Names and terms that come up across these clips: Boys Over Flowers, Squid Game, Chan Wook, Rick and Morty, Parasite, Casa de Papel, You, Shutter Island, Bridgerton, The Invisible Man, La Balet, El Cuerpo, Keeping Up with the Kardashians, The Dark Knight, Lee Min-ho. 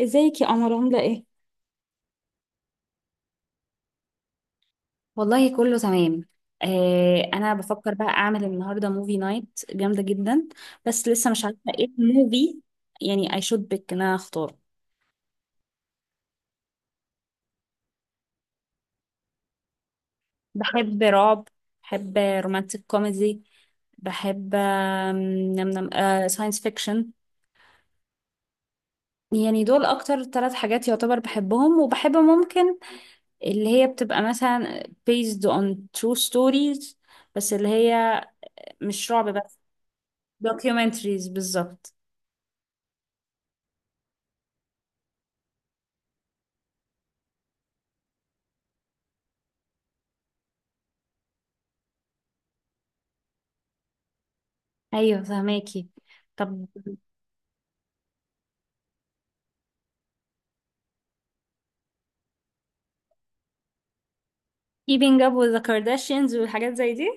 ازيك يا قمر، عاملة ايه؟ والله كله تمام. انا بفكر بقى اعمل النهارده موفي نايت جامده جدا، بس لسه مش عارفه ايه موفي، يعني اي شود بيك ان انا اختار. بحب رعب، بحب رومانتك كوميدي، بحب نم نم ساينس فيكشن. يعني دول اكتر ثلاث حاجات يعتبر بحبهم، وبحب ممكن اللي هي بتبقى مثلا based on true stories، بس اللي هي مش رعب بس. documentaries بالظبط. ايوه فهماكي، طب. keeping up with the Kardashians والحاجات زي دي.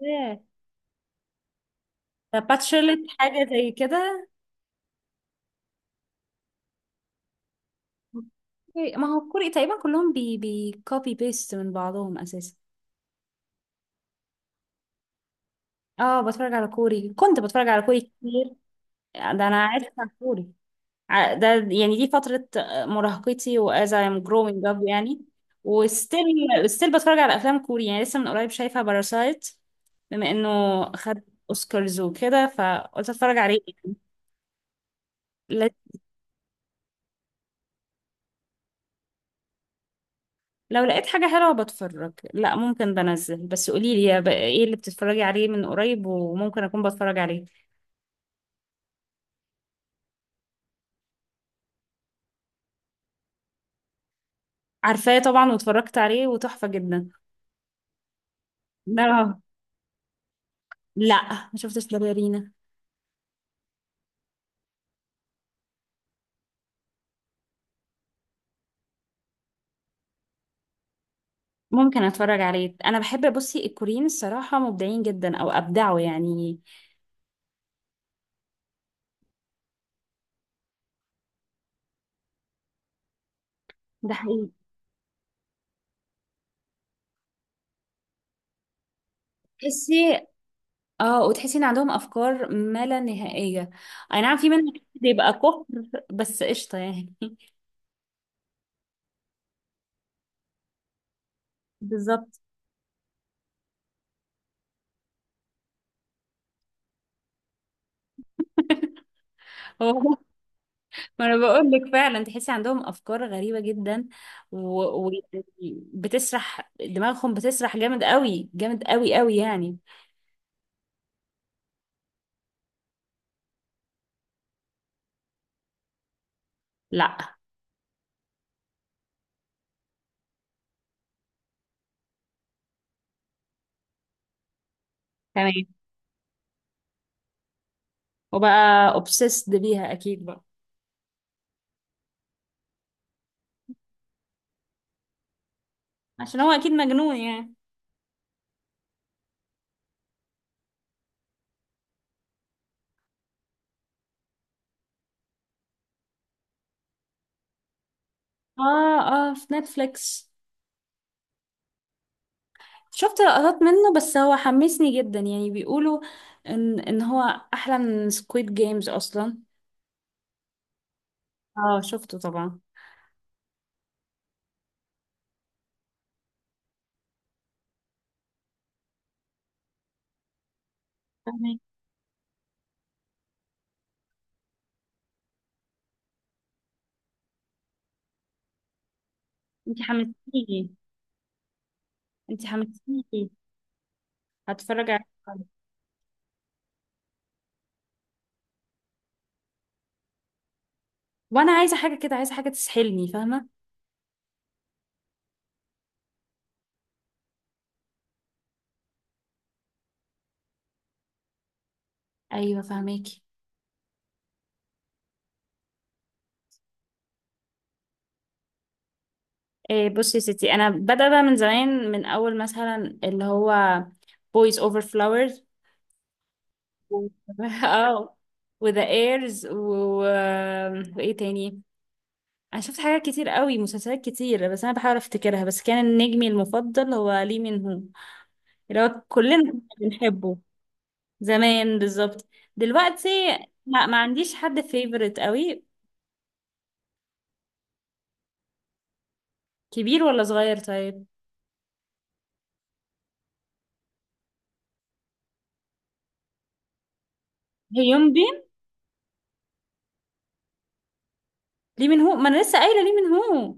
ياه، ده باتشرلت حاجة زي كده. أوكي. ما هو كوري تقريبا كلهم بي بي كوبي بيست من بعضهم اساسا. اه، بتفرج على كوري، كنت بتفرج على كوري كتير، ده انا عارفة عن كوري. ده يعني دي فترة مراهقتي و as I'm growing up يعني، وستيل بتفرج على افلام كوري، يعني لسه من قريب شايفة باراسايت، بما انه خد اوسكارز وكده فقلت اتفرج عليه. لا- لو لقيت حاجة حلوة بتفرج، لا ممكن، بنزل بس قوليلي يا بقى ايه اللي بتتفرجي عليه من قريب وممكن اكون بتفرج عليه. عارفاه طبعا واتفرجت عليه وتحفة جدا. لا. لا ما شفتش، لا باليرينا. ممكن اتفرج عليه، انا بحب. بصي الكوريين الصراحة مبدعين جدا او ابدعوا يعني. ده حقيقي. تحسي. اه، وتحسي ان عندهم افكار ما لا نهائية، اي نعم في منهم بيبقى كفر بس قشطة يعني. بالظبط. هو، ما انا بقول لك فعلا تحسي عندهم افكار غريبه جدا، ويعني بتسرح دماغهم، بتسرح جامد قوي، جامد قوي قوي يعني. لا. تمام. وبقى obsessed بيها اكيد بقى. عشان هو اكيد مجنون يعني. اه اه، في نتفليكس، شفت لقطات منه بس هو حمسني جدا يعني بيقولوا ان هو احلى من سكويد جيمز اصلا. اه شفته طبعا. فاهمة. انت حمستيني. انت حمستيني. هتفرج عليه. وانا عايزه حاجه كده، عايزه حاجه تسحلني فاهمه. ايوه فهماكي. إيه، بصي يا ستي، انا بدأ بقى من زمان، من اول مثلا اللي هو boys over flowers و- اه، وذا ايرز و... آه، وايه تاني. انا شفت حاجات كتير قوي، مسلسلات كتير بس انا بحاول افتكرها، بس كان نجمي المفضل هو لي من هو، اللي هو كلنا كنا بنحبه. زمان بالظبط. دلوقتي لا، ما عنديش حد فيفورت قوي. كبير ولا صغير طيب؟ هيومبي. ليه من هو، ما انا لسه قايله ليه من هو.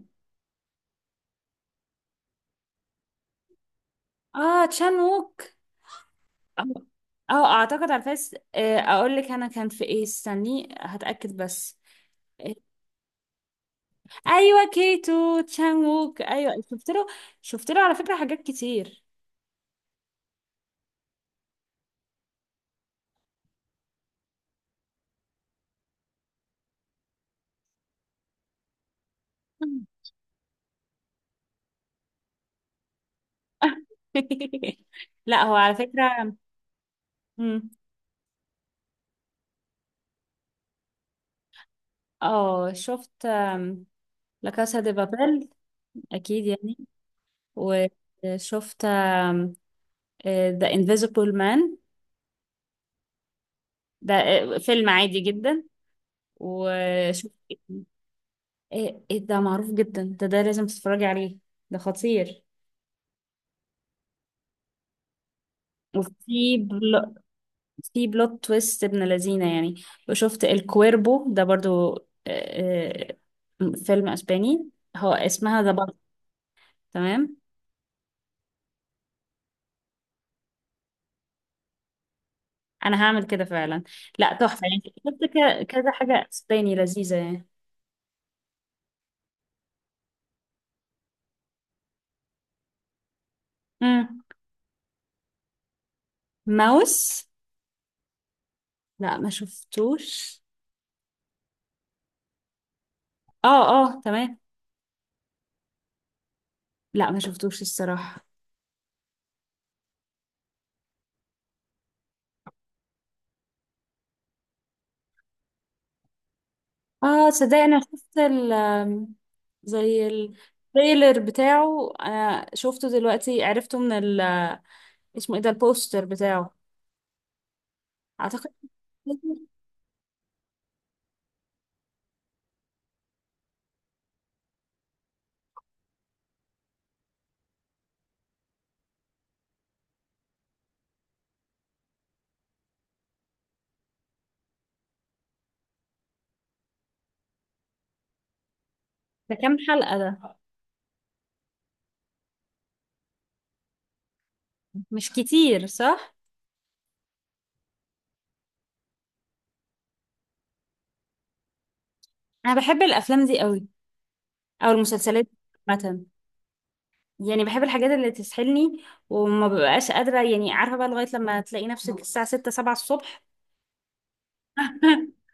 اه تشان ووك. اه. اعتقد على الفيس، اقول لك انا كان في ايه، استني هتاكد بس. آه. ايوه كيتو تشان ووك، ايوه شفت له. شفت له على فكره حاجات كتير. مم. لا هو على فكره. مم. اه، شفت لا كاسا دي بابيل اكيد يعني. وشفت The Invisible Man، ده فيلم عادي جدا. وشفت ايه. إيه ده معروف جدا، ده لازم تتفرجي عليه، ده خطير. وفي بل... في بلوت تويست ابن لذينه يعني. وشفت الكويربو ده برضو، آه، فيلم اسباني، هو اسمها ذا بالت. تمام، انا هعمل كده فعلا. لا تحفه يعني، شفت كذا حاجه اسباني لذيذه يعني. مم. ماوس. لا ما شفتوش. اه اه تمام. لا ما شفتوش الصراحه. اه صدق، انا شفت ال، زي التريلر بتاعه، انا شفته دلوقتي عرفته من ال، اسمه ايه ده البوستر بتاعه، اعتقد. ده كام حلقة ده؟ مش كتير صح؟ انا بحب الافلام دي قوي، او المسلسلات عامة، يعني بحب الحاجات اللي تسحلني، وما ببقاش قادرة، يعني عارفة بقى لغاية لما تلاقي نفسك الساعة 6 7 الصبح.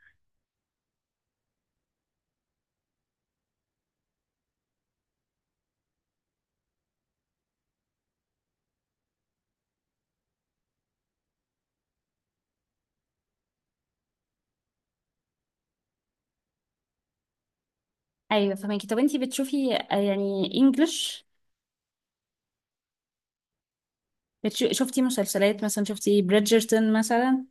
ايوه فماكي، طب انتي بتشوفي يعني انجلش، شفتي مسلسلات مثلا؟ شفتي بريدجرتون مثلا؟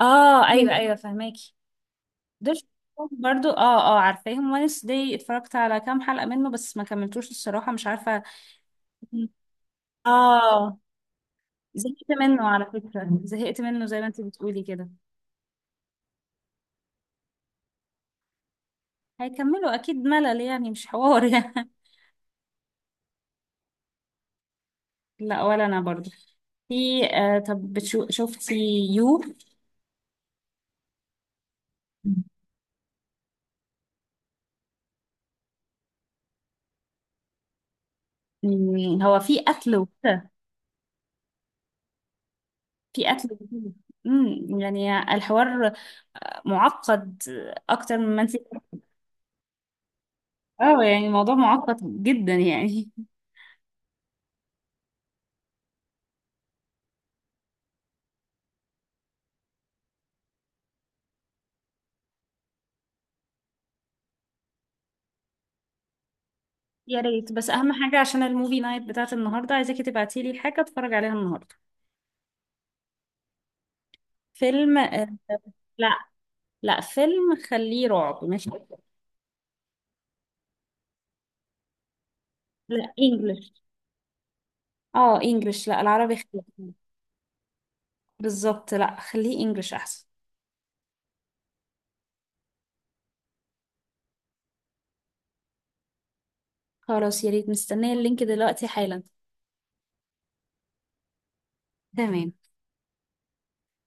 اه ايوه ايوه فهماكي، دول شفتهم برضو، اه اه عارفاهم، ونس دي اتفرجت على كام حلقة منه بس ما كملتوش الصراحة، مش عارفة. اه زهقت منه على فكرة، زهقت منه زي ما انت بتقولي كده. هيكملوا اكيد، ملل يعني مش حوار يعني. لا ولا انا برضو. في طب، شفتي يو؟ مم، هو في قتل وكده؟ في قتل وكده. يعني الحوار معقد اكتر مما انت. اه يعني الموضوع معقد جدا يعني. يا ريت، بس اهم حاجه عشان الموفي نايت بتاعت النهارده، عايزاكي تبعتي لي حاجه اتفرج عليها النهارده. فيلم، لا، لا فيلم، خليه رعب ماشي. لا انجلش. اه انجلش، لا العربي خليه، بالظبط لا خليه انجلش احسن. خلاص يا ريت، مستنيه اللينك دلوقتي حالا. تمام.